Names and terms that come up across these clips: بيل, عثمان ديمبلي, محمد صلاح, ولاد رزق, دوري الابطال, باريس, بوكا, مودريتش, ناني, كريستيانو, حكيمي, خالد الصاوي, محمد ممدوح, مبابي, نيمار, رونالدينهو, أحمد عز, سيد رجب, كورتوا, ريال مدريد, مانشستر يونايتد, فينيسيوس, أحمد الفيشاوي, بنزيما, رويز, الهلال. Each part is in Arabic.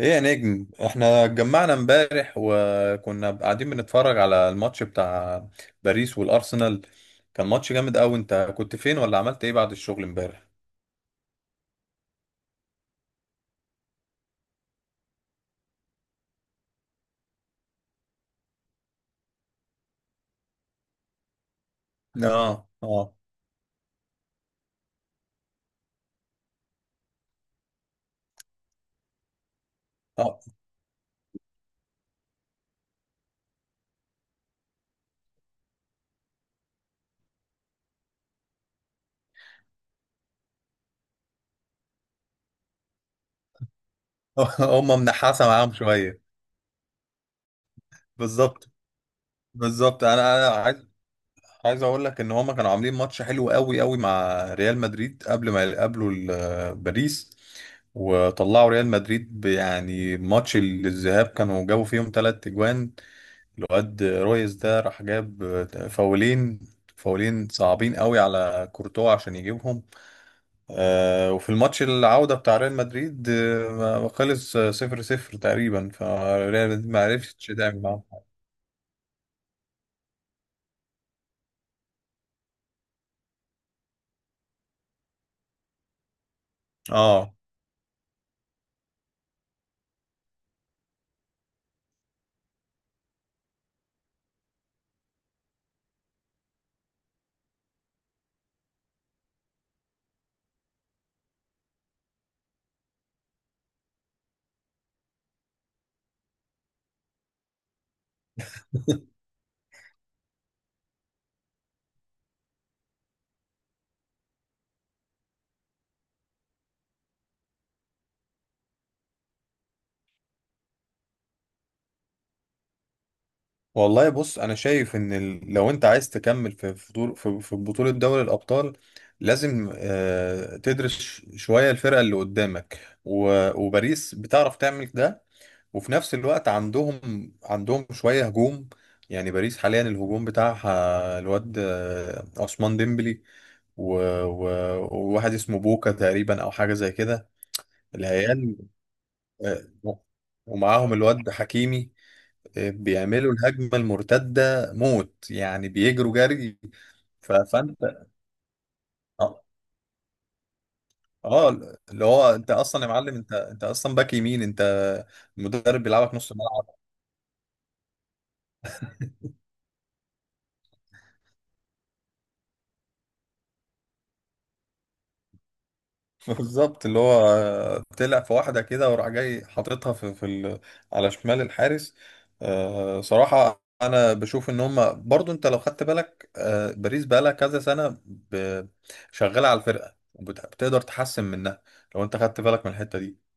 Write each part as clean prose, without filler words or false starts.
ايه يا نجم، احنا اتجمعنا امبارح وكنا قاعدين بنتفرج على الماتش بتاع باريس والارسنال. كان ماتش جامد قوي. انت كنت فين ولا عملت ايه بعد الشغل امبارح؟ اه، اه، اه. هم منحاسه معاهم شويه. بالظبط، بالظبط. انا عايز، عايز اقول لك ان هم كانوا عاملين ماتش حلو قوي قوي مع ريال مدريد قبل ما يقابلوا باريس، وطلعوا ريال مدريد، يعني ماتش الذهاب كانوا جابوا فيهم 3 اجوان. الواد رويز ده راح جاب فاولين، فاولين صعبين قوي على كورتوا عشان يجيبهم. وفي الماتش العودة بتاع ريال مدريد خلص 0-0 تقريبا، فريال مدريد ما عرفتش تعمل معاهم حاجة. اه. والله بص، انا شايف ان لو انت عايز تكمل في في دور في في بطولة دوري الابطال، لازم تدرس شوية الفرقة اللي قدامك، وباريس بتعرف تعمل ده. وفي نفس الوقت عندهم شوية هجوم. يعني باريس حاليا الهجوم بتاعها الواد عثمان ديمبلي و... و... وواحد اسمه بوكا تقريبا او حاجة زي كده. العيال، آه، ومعاهم الواد حكيمي، بيعملوا الهجمة المرتدة موت، يعني بيجروا جري. فانت، اه، آه، اللي هو انت اصلا يا معلم، انت اصلا باك يمين، انت مدرب بيلعبك نص ملعب. بالظبط. اللي هو طلع في واحدة كده وراح جاي حاططها في على شمال الحارس. صراحة أنا بشوف إن هما برضو، أنت لو خدت بالك، باريس بقالها كذا سنة شغالة على الفرقة، وبتقدر تحسن منها لو أنت خدت بالك من الحتة دي.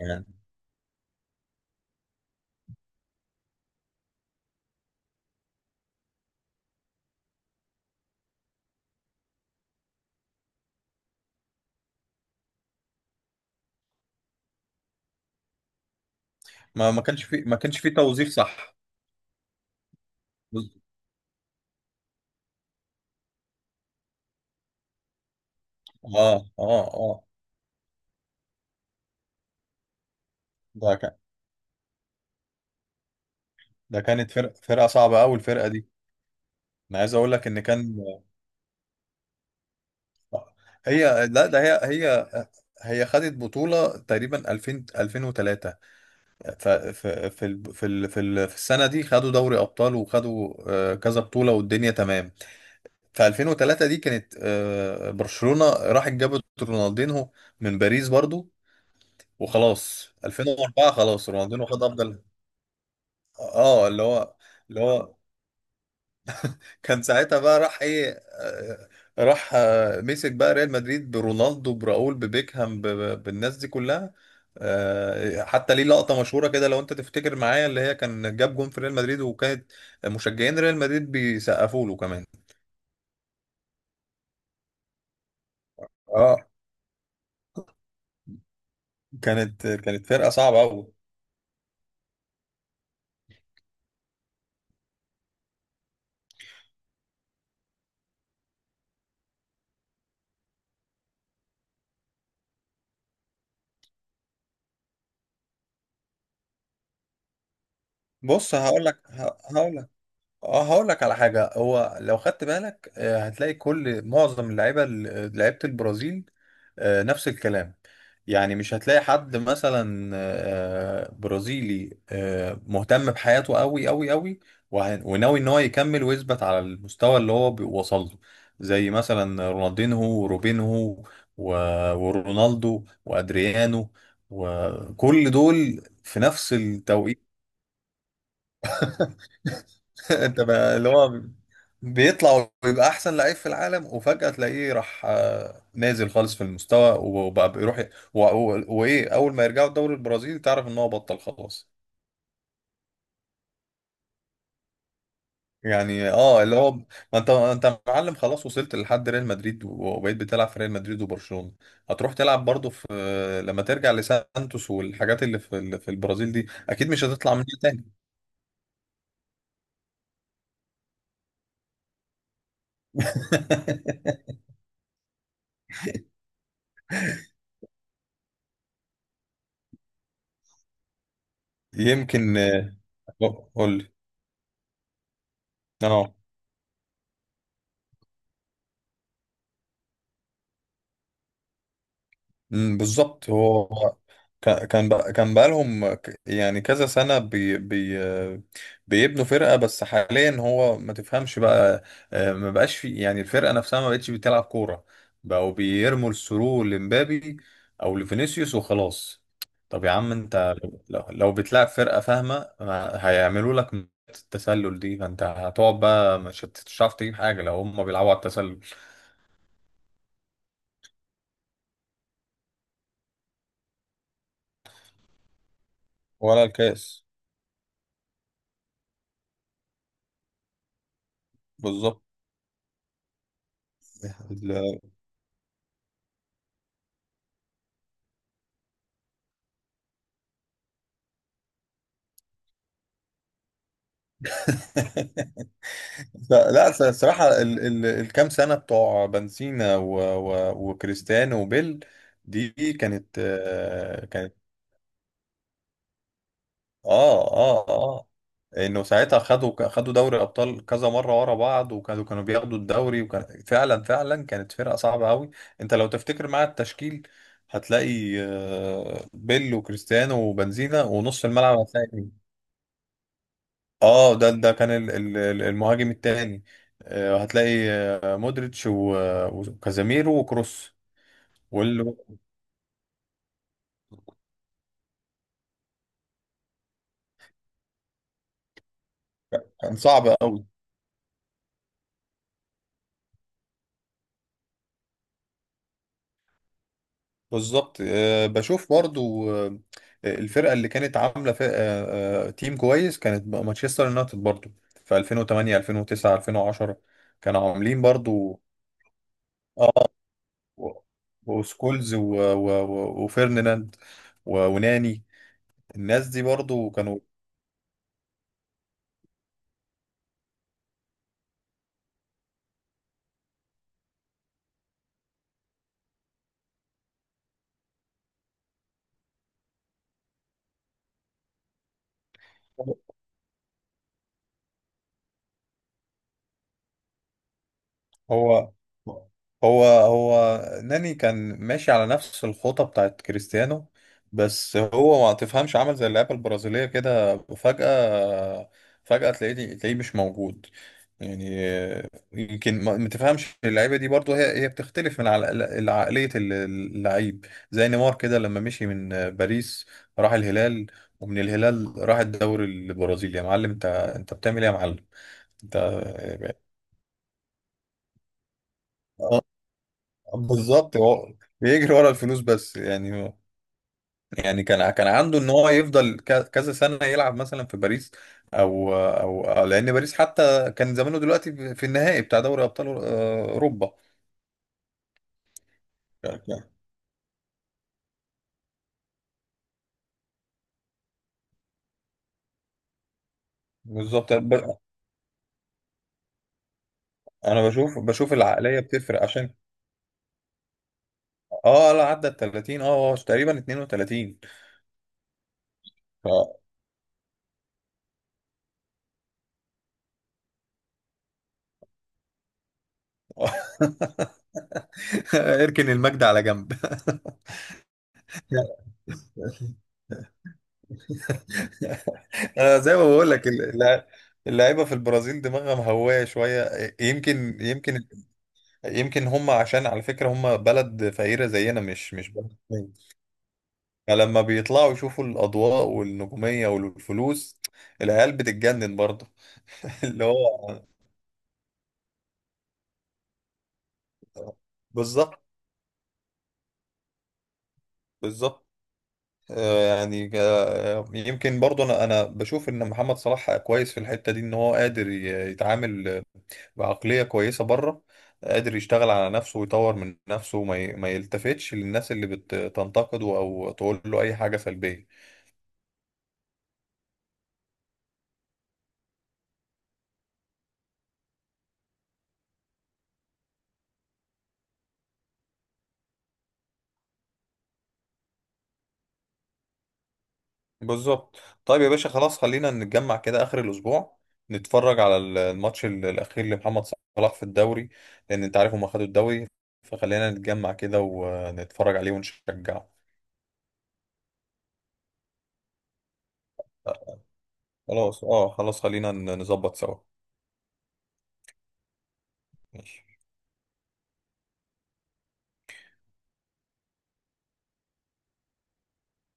يعني ما كانش في توظيف صح. بز- اه، اه، اه. ده كان ده كانت فرقة صعبة أوي الفرقة دي. أنا عايز أقول لك إن كان. لا، ده هي هي خدت بطولة تقريبا 2000، 2003. ف- ف- في ال- في ال- في ال- في السنة دي خدوا دوري أبطال وخدوا كذا بطولة والدنيا تمام. في 2003 دي كانت، برشلونة راحت جابت رونالدينهو من باريس برضو. وخلاص 2004 خلاص رونالدينهو خد أفضل. اه، اللي هو كان ساعتها بقى راح ايه، آه، راح مسك بقى ريال مدريد برونالدو، براؤول، ببيكهام، بالناس دي كلها. حتى ليه لقطة مشهورة كده لو انت تفتكر معايا، اللي هي كان جاب جون في ريال مدريد وكانت مشجعين ريال مدريد بيسقفوا له كمان. اه، كانت فرقة صعبة قوي. بص هقول لك على حاجه. هو لو خدت بالك هتلاقي معظم اللعيبه، لعيبه البرازيل نفس الكلام. يعني مش هتلاقي حد مثلا برازيلي مهتم بحياته قوي قوي قوي، وناوي ان هو يكمل ويثبت على المستوى اللي هو وصل له. زي مثلا رونالدينهو وروبينهو و- ورونالدو وادريانو، وكل دول في نفس التوقيت. انت بقى، اللي هو بيطلع ويبقى احسن لعيب في العالم وفجأة تلاقيه راح نازل خالص في المستوى، وبقى بيروح ي- و- و- وايه اول ما يرجعوا الدوري البرازيلي تعرف ان هو بطل خلاص. يعني، اه اللي هو ما انت معلم خلاص، وصلت لحد ريال مدريد وبقيت بتلعب في ريال مدريد وبرشلونة، هتروح تلعب برضه في لما ترجع لسانتوس، والحاجات اللي في في البرازيل دي اكيد مش هتطلع منها تاني. يمكن، قول لي. اه. مم، بالظبط. هو كان بقالهم، يعني كذا سنة بي بي بيبنوا فرقة، بس حاليا هو ما تفهمش بقى، ما بقاش في، يعني الفرقة نفسها ما بقتش بتلعب كورة. بقوا بيرموا الثرو لمبابي أو لفينيسيوس وخلاص. طب يا عم انت، لو بتلعب فرقة فاهمة ما هيعملوا لك التسلل دي، فانت هتقعد بقى، مش هتعرف تجيب حاجة لو هم بيلعبوا على التسلل. ولا الكاس. بالظبط. ال- ف- لا س- الصراحة ال ال الكام سنة بتوع بنزينا و و وكريستيانو وبيل دي كانت، اه، اه، اه. انه ساعتها خدوا، خدوا دوري الابطال كذا مره ورا بعض، وكانوا بياخدوا الدوري، وكان فعلا، فعلا كانت فرقه صعبه قوي. انت لو تفتكر معايا التشكيل، هتلاقي بيل وكريستيانو وبنزينا ونص الملعب هتلاقي. اه، ده كان المهاجم التاني، هتلاقي مودريتش وكازاميرو وكروس، واللي كان صعب قوي. بالظبط. بشوف برضو الفرقة اللي كانت عاملة فرقة آه، آه، تيم كويس، كانت مانشستر يونايتد برضو في 2008، 2009، 2010 كانوا عاملين برضو. اه. و- وسكولز وفيرناند وناني، الناس دي برضو كانوا. هو هو ناني كان ماشي على نفس الخطة بتاعت كريستيانو، بس هو ما تفهمش، عمل زي اللعيبة البرازيلية كده فجأة. فجأة تلاقيه، تلاقيه مش موجود. يعني يمكن ما تفهمش اللعيبة دي برضو، هي بتختلف من على العقلية اللعيب. زي نيمار كده لما مشي من باريس، راح الهلال، ومن الهلال راح الدوري البرازيلي. يا معلم، انت بتعمل ايه يا معلم؟ انت بالظبط، هو بيجري ورا الفلوس بس. يعني هو، يعني كان عنده ان هو يفضل كذا سنه يلعب مثلا في باريس، لان باريس حتى كان زمانه دلوقتي في النهائي بتاع دوري ابطال اوروبا. بالظبط. انا بشوف، بشوف العقليه بتفرق، عشان. اه لا، عدى ال 30، هو تقريبا 32. ف... اركن المجد على جنب. انا زي ما بقول لك، اللعيبه في البرازيل دماغها مهوايه شويه. يمكن، يمكن، يمكن هم، عشان على فكره، هم بلد فقيره زينا، مش بلد غنية. فلما بيطلعوا يشوفوا الاضواء والنجوميه والفلوس، العيال بتتجنن برضه. اللي هو بالظبط. بالظبط، يعني، يمكن برضه انا بشوف ان محمد صلاح كويس في الحته دي، ان هو قادر يتعامل بعقلية كويسة بره، قادر يشتغل على نفسه ويطور من نفسه، وما ما يلتفتش للناس اللي بتنتقده أو تقول له أي حاجة سلبية. بالظبط. طيب يا باشا، خلاص خلينا نتجمع كده آخر الأسبوع، نتفرج على الماتش الأخير لمحمد صلاح في الدوري، لأن أنت عارف هما خدوا الدوري، فخلينا نتجمع كده ونتفرج عليه ونشجعه. خلاص، اه، خلاص خلينا نظبط سوا. ماشي.